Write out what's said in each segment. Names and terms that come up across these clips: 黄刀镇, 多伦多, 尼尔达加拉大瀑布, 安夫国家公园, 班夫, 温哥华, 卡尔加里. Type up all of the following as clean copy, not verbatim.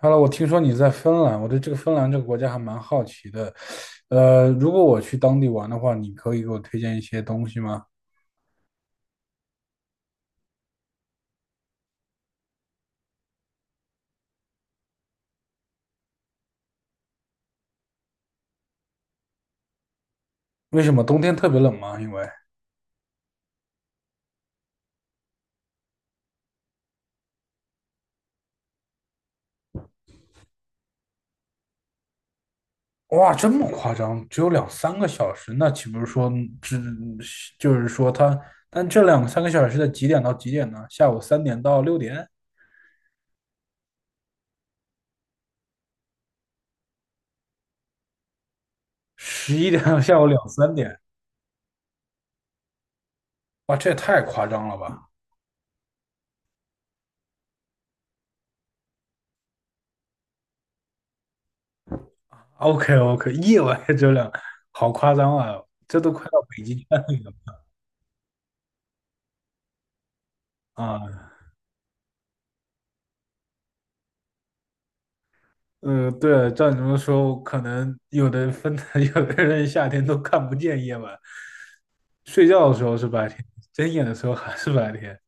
哈喽，我听说你在芬兰，我对这个芬兰这个国家还蛮好奇的。如果我去当地玩的话，你可以给我推荐一些东西吗？为什么冬天特别冷吗？因为哇，这么夸张，只有两三个小时，那岂不是说只就是说它？但这两三个小时在几点到几点呢？下午三点到6点，11点到下午两三点，哇，这也太夸张了吧？OK OK，夜晚也只有两，好夸张啊，这都快到北极圈里了啊！对，照你这么说，可能有的分的，有的人夏天都看不见夜晚，睡觉的时候是白天，睁眼的时候还是白天。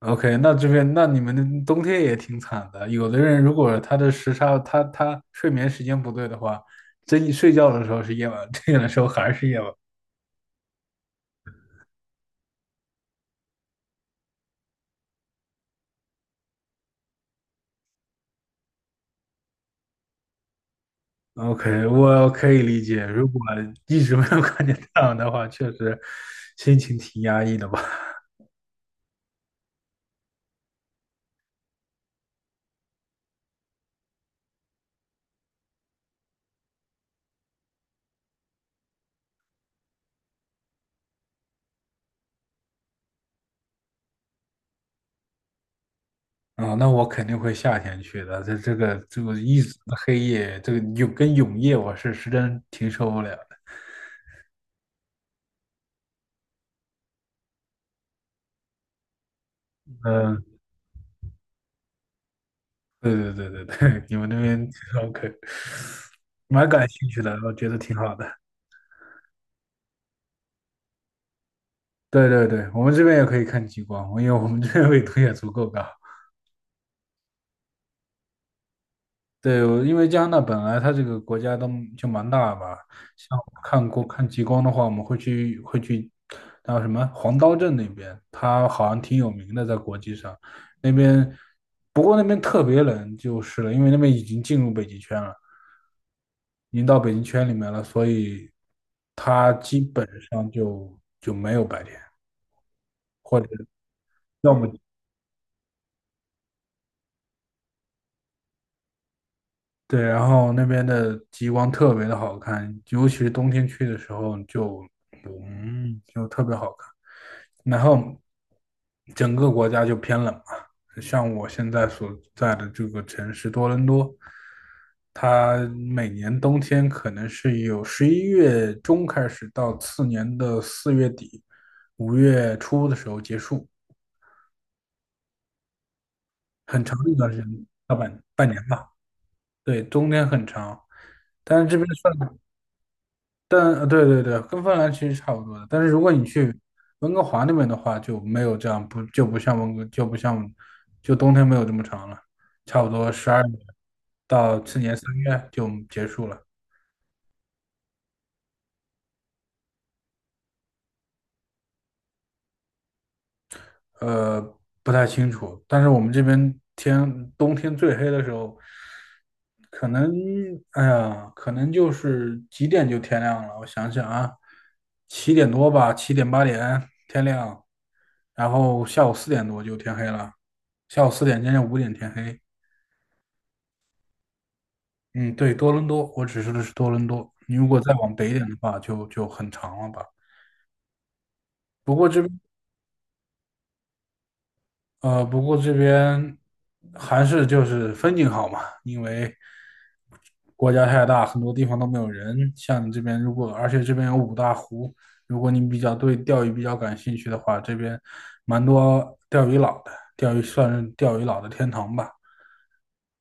OK，那这边那你们的冬天也挺惨的，有的人如果他的时差，他睡眠时间不对的话，睡觉的时候是夜晚，睁眼的时候还是夜晚。OK，我可以理解，如果一直没有看见太阳的话，确实心情挺压抑的吧。啊，那我肯定会夏天去的。这个一直的黑夜，这个永夜，我是实在挺受不了的。嗯，对对对对对，你们那边 OK，蛮感兴趣的，我觉得挺好的。对对对，我们这边也可以看极光，因为我们这边纬度也足够高。对，我因为加拿大本来它这个国家都就蛮大吧，像我看极光的话，我们会去，还有什么黄刀镇那边，它好像挺有名的，在国际上那边，不过那边特别冷就是了，因为那边已经进入北极圈了，已经到北极圈里面了，所以它基本上就没有白天，或者要么对，然后那边的极光特别的好看，尤其是冬天去的时候就特别好看。然后整个国家就偏冷嘛，像我现在所在的这个城市多伦多，它每年冬天可能是有11月中开始到次年的4月底、5月初的时候结束，很长的一段时间，大半年吧。对，冬天很长，但是这边算。但对对对，跟芬兰其实差不多的。但是如果你去温哥华那边的话，就没有这样，不就不像温哥，就不像，就冬天没有这么长了，差不多12月到次年3月就结束了。呃，不太清楚，但是我们这边冬天最黑的时候，可能，哎呀，可能就是几点就天亮了。我想想啊，七点多吧，七点八点天亮，然后下午四点多就天黑了，下午四点将近5点天黑。嗯，对，多伦多，我说的是多伦多。你如果再往北一点的话，就很长了吧。不过这边。不过这边还是就是风景好嘛，因为国家太大，很多地方都没有人。像你这边，而且这边有五大湖，如果你对钓鱼比较感兴趣的话，这边蛮多钓鱼佬的，钓鱼算是钓鱼佬的天堂吧。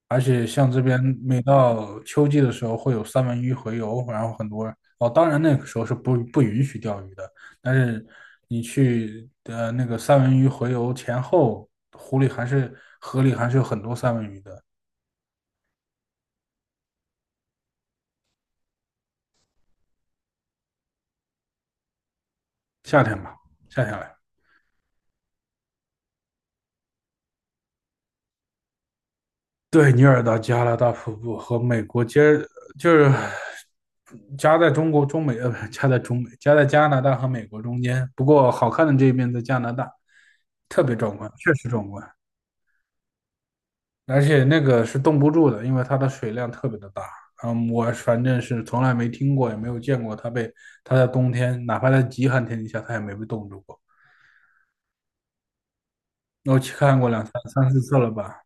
而且像这边每到秋季的时候会有三文鱼洄游，然后很多哦，当然那个时候是不允许钓鱼的，但是你去那个三文鱼洄游前后，湖里还是河里还是有很多三文鱼的，夏天吧，夏天来。对，尼尔达加拉大瀑布和美国接就是夹在中国中美呃不是夹在中美夹在加拿大和美国中间，不过好看的这一面在加拿大，特别壮观，确实壮观。而且那个是冻不住的，因为它的水量特别的大。嗯，我反正是从来没听过，也没有见过它在冬天，哪怕在极寒天气下，它也没被冻住过。我去看过两三三四次了吧，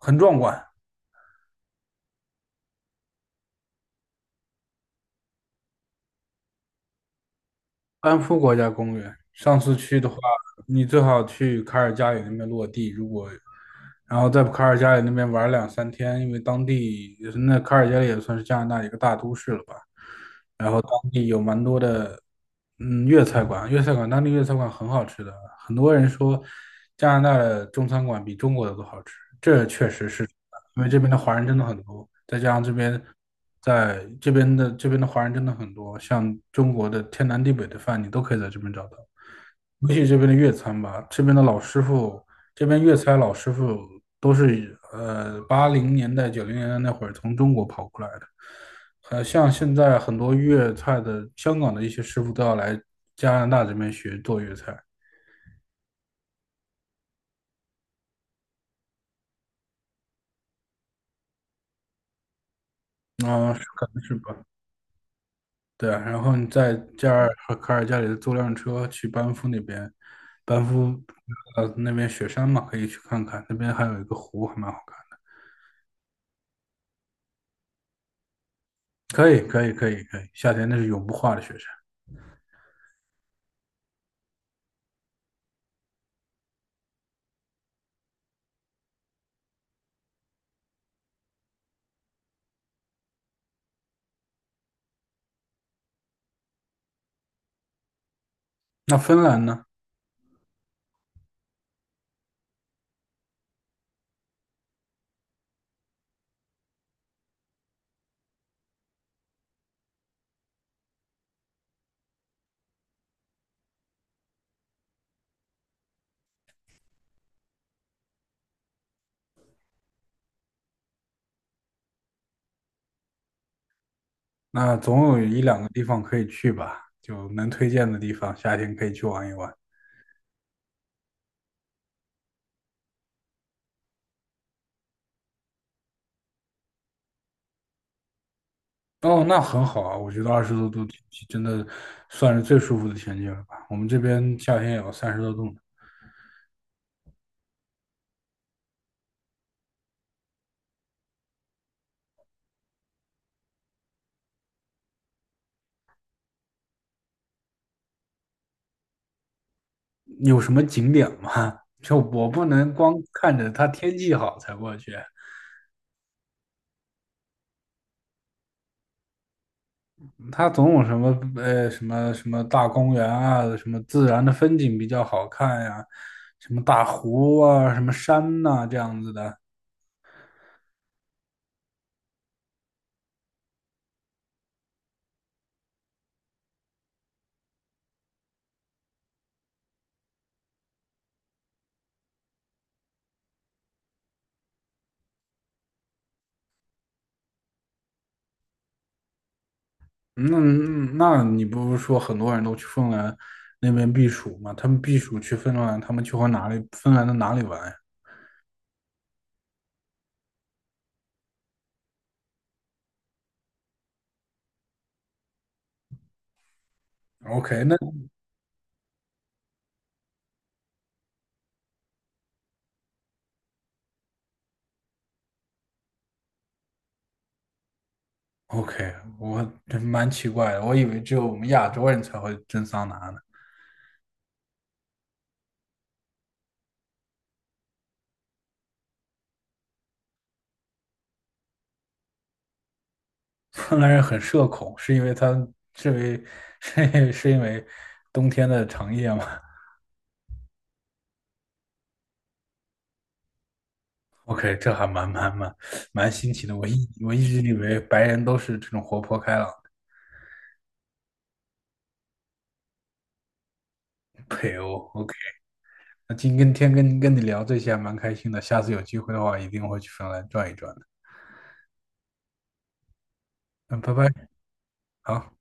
很壮观。安夫国家公园，上次去的话，你最好去卡尔加里那边落地。然后在卡尔加里那边玩了两三天，因为当地也是那卡尔加里也算是加拿大一个大都市了吧。然后当地有蛮多的，嗯，粤菜馆，粤菜馆当地粤菜馆很好吃的，很多人说加拿大的中餐馆比中国的都好吃，这确实是，因为这边的华人真的很多，再加上这边在这边的这边的华人真的很多，像中国的天南地北的饭你都可以在这边找到。也许这边的粤餐吧，这边的老师傅，这边粤菜老师傅都是80年代、90年代那会儿从中国跑过来的。像现在很多粤菜的香港的一些师傅都要来加拿大这边学做粤菜，嗯、可能是吧？对啊，然后你在加尔和卡尔加里租辆车去班夫那边，班夫那边雪山嘛，可以去看看，那边还有一个湖还蛮好看的。可以，可以，可以，可以，夏天那是永不化的雪山。那芬兰呢？那总有一两个地方可以去吧，就能推荐的地方，夏天可以去玩一玩。哦，那很好啊，我觉得20多度天气真的算是最舒服的天气了吧。我们这边夏天也有30多度呢，有什么景点吗？就我不能光看着它天气好才过去，它总有什么什么什么大公园啊，什么自然的风景比较好看呀、什么大湖啊，什么山呐、这样子的。那你不是说很多人都去芬兰那边避暑吗？他们避暑去芬兰，他们去和哪里芬兰的哪里玩呀？OK，那 OK，我真蛮奇怪的，我以为只有我们亚洲人才会蒸桑拿呢。芬兰人很社恐，是因为他是因为 是因为冬天的长夜吗？OK，这还蛮新奇的。我一直以为白人都是这种活泼开朗的。OK。那今跟天跟跟你聊这些还蛮开心的，下次有机会的话一定会去芬兰转一转的。嗯，拜拜，好。